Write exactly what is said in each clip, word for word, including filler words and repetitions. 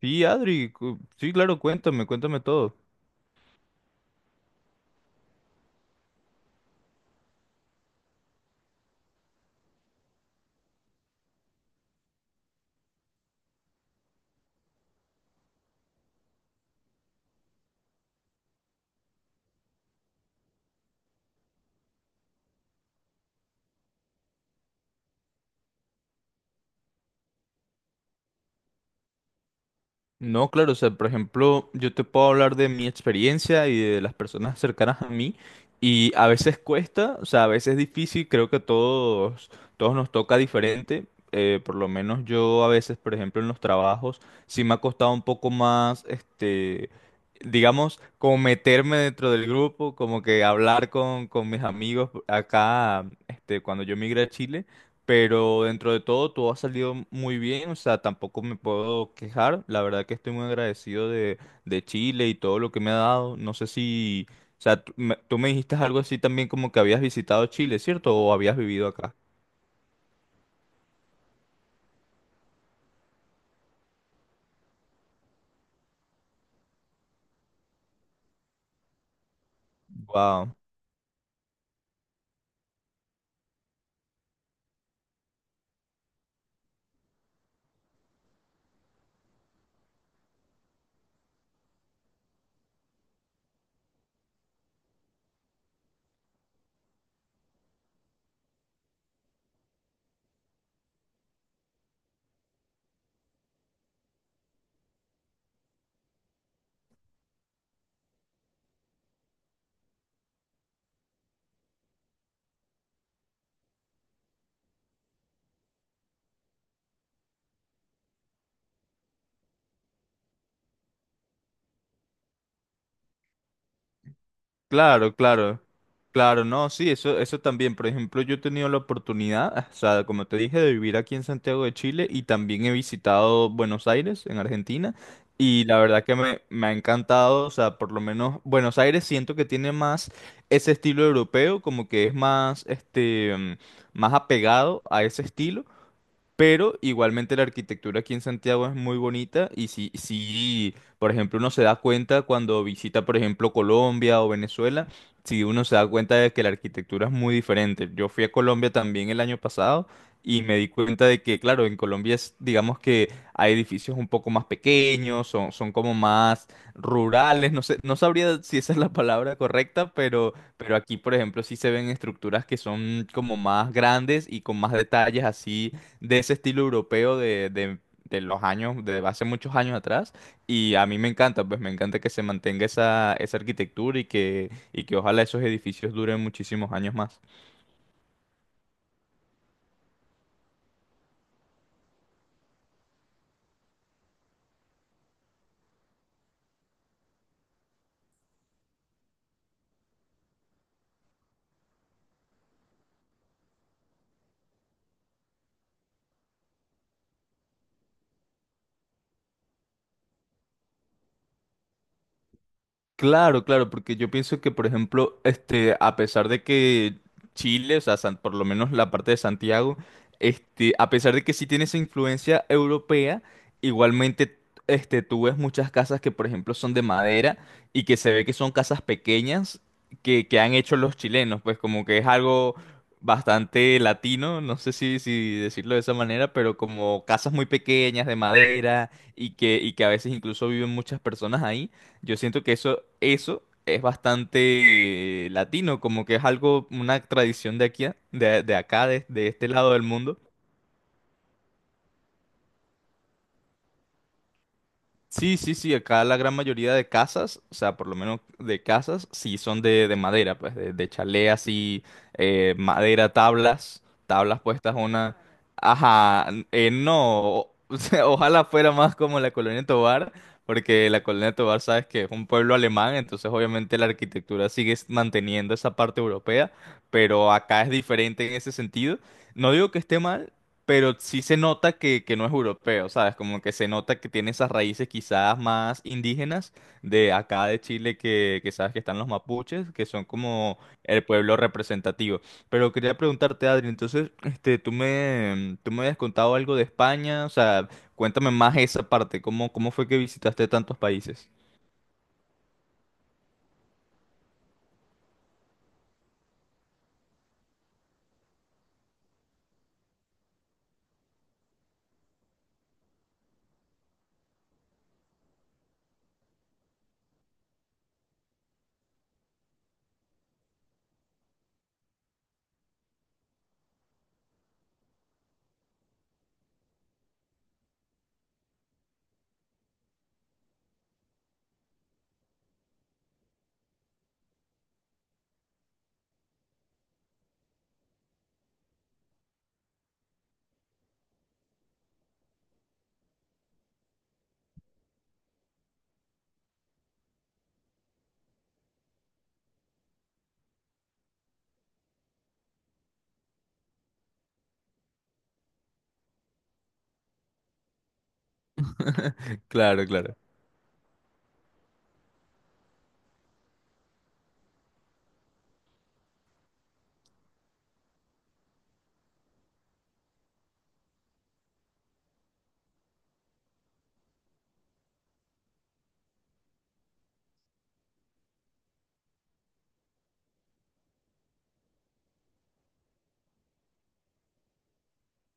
Sí, Adri, cu- sí, claro, cuéntame, cuéntame todo. No, claro, o sea, por ejemplo, yo te puedo hablar de mi experiencia y de las personas cercanas a mí, y a veces cuesta, o sea, a veces es difícil, creo que a todos, todos nos toca diferente. Eh, por lo menos yo a veces, por ejemplo, en los trabajos, sí me ha costado un poco más, este, digamos, como meterme dentro del grupo, como que hablar con, con mis amigos acá, este, cuando yo migré a Chile. Pero dentro de todo, todo ha salido muy bien, o sea, tampoco me puedo quejar. La verdad que estoy muy agradecido de, de Chile y todo lo que me ha dado. No sé si, o sea, tú me, tú me dijiste algo así también como que habías visitado Chile, ¿cierto? O habías vivido acá. Claro, claro, claro, no, sí, eso, eso también. Por ejemplo, yo he tenido la oportunidad, o sea, como te dije, de vivir aquí en Santiago de Chile y también he visitado Buenos Aires, en Argentina, y la verdad que me, me ha encantado, o sea, por lo menos Buenos Aires siento que tiene más ese estilo europeo, como que es más, este, mm, más apegado a ese estilo. Pero igualmente la arquitectura aquí en Santiago es muy bonita y si, si, por ejemplo, uno se da cuenta cuando visita, por ejemplo, Colombia o Venezuela, si uno se da cuenta de que la arquitectura es muy diferente. Yo fui a Colombia también el año pasado y me di cuenta de que, claro, en Colombia es, digamos que hay edificios un poco más pequeños, son, son como más rurales, no sé, no sabría si esa es la palabra correcta, pero, pero aquí, por ejemplo, sí se ven estructuras que son como más grandes y con más detalles así de ese estilo europeo de, de- de los años, de hace muchos años atrás. Y a mí me encanta, pues me encanta que se mantenga esa, esa arquitectura y que, y que ojalá esos edificios duren muchísimos años más. Claro, claro, porque yo pienso que, por ejemplo, este, a pesar de que Chile, o sea, San- por lo menos la parte de Santiago, este, a pesar de que sí tiene esa influencia europea, igualmente, este, tú ves muchas casas que, por ejemplo, son de madera y que se ve que son casas pequeñas que, que han hecho los chilenos, pues como que es algo bastante latino, no sé si, si decirlo de esa manera, pero como casas muy pequeñas de madera y que, y que a veces incluso viven muchas personas ahí. Yo siento que eso, eso es bastante eh, latino, como que es algo, una tradición de aquí, de, de acá, de, de este lado del mundo. Sí, sí, sí, acá la gran mayoría de casas, o sea, por lo menos de casas, sí son de, de madera, pues, de, de chalé así, eh, madera, tablas, tablas puestas una... Ajá, eh, no, o o sea, ojalá fuera más como la Colonia Tovar, porque la Colonia Tovar, sabes que es un pueblo alemán, entonces obviamente la arquitectura sigue s- manteniendo esa parte europea, pero acá es diferente en ese sentido. No digo que esté mal, pero sí se nota que, que no es europeo, ¿sabes? Como que se nota que tiene esas raíces quizás más indígenas de acá de Chile, que, que sabes que están los mapuches, que son como el pueblo representativo. Pero quería preguntarte, Adri, entonces, este, tú me, tú me habías contado algo de España, o sea, cuéntame más esa parte, ¿cómo, cómo fue que visitaste tantos países? Claro, claro.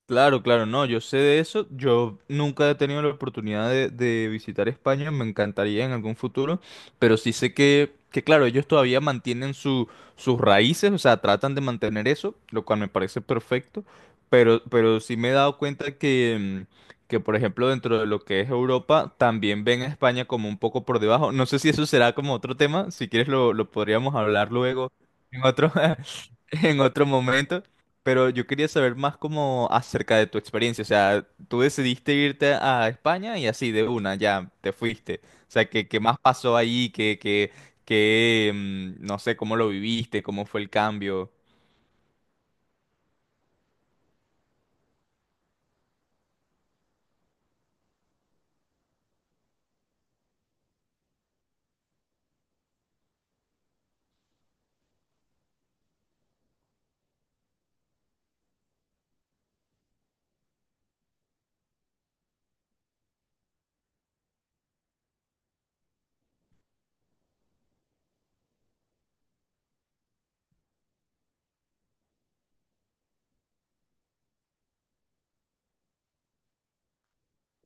Claro, claro, no, yo sé de eso. Yo nunca he tenido la oportunidad de, de visitar España, me encantaría en algún futuro, pero sí sé que, que claro, ellos todavía mantienen su, sus raíces, o sea, tratan de mantener eso, lo cual me parece perfecto, pero, pero sí me he dado cuenta que, mm, que, por ejemplo, dentro de lo que es Europa, también ven a España como un poco por debajo. No sé si eso será como otro tema, si quieres lo, lo podríamos hablar luego en otro, en otro momento. Pero yo quería saber más como acerca de tu experiencia. O sea, tú decidiste irte a España y así de una, ya te fuiste. O sea, ¿qué, qué más pasó ahí? ¿Qué, qué, qué, mm, no sé, cómo lo viviste? ¿Cómo fue el cambio?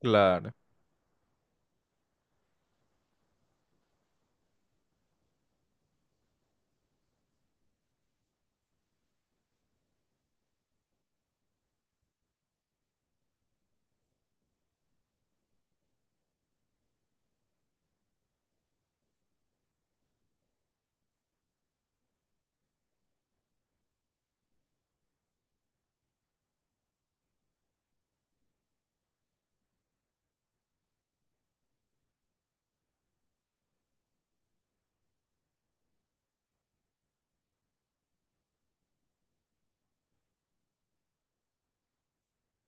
Claro,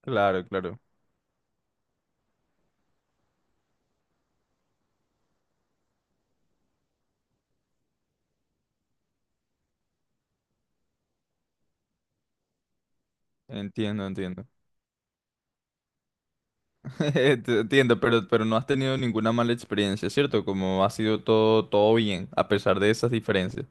claro, claro. Entiendo, entiendo. Ent- Entiendo, pero, pero no has tenido ninguna mala experiencia, ¿cierto? Como ha sido todo, todo bien, a pesar de esas diferencias.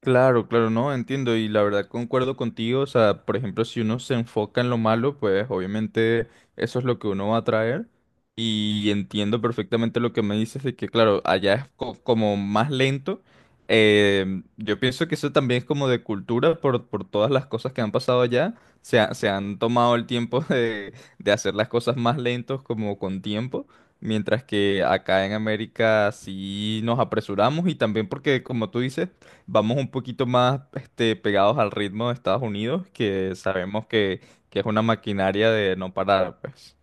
Claro, claro, no, entiendo y la verdad concuerdo contigo, o sea, por ejemplo, si uno se enfoca en lo malo, pues obviamente eso es lo que uno va a traer y entiendo perfectamente lo que me dices de que, claro, allá es co- como más lento. Eh, yo pienso que eso también es como de cultura por, por todas las cosas que han pasado allá, se, ha- se han tomado el tiempo de, de hacer las cosas más lentos como con tiempo. Mientras que acá en América sí nos apresuramos y también porque, como tú dices, vamos un poquito más este, pegados al ritmo de Estados Unidos, que sabemos que, que es una maquinaria de no parar, pues.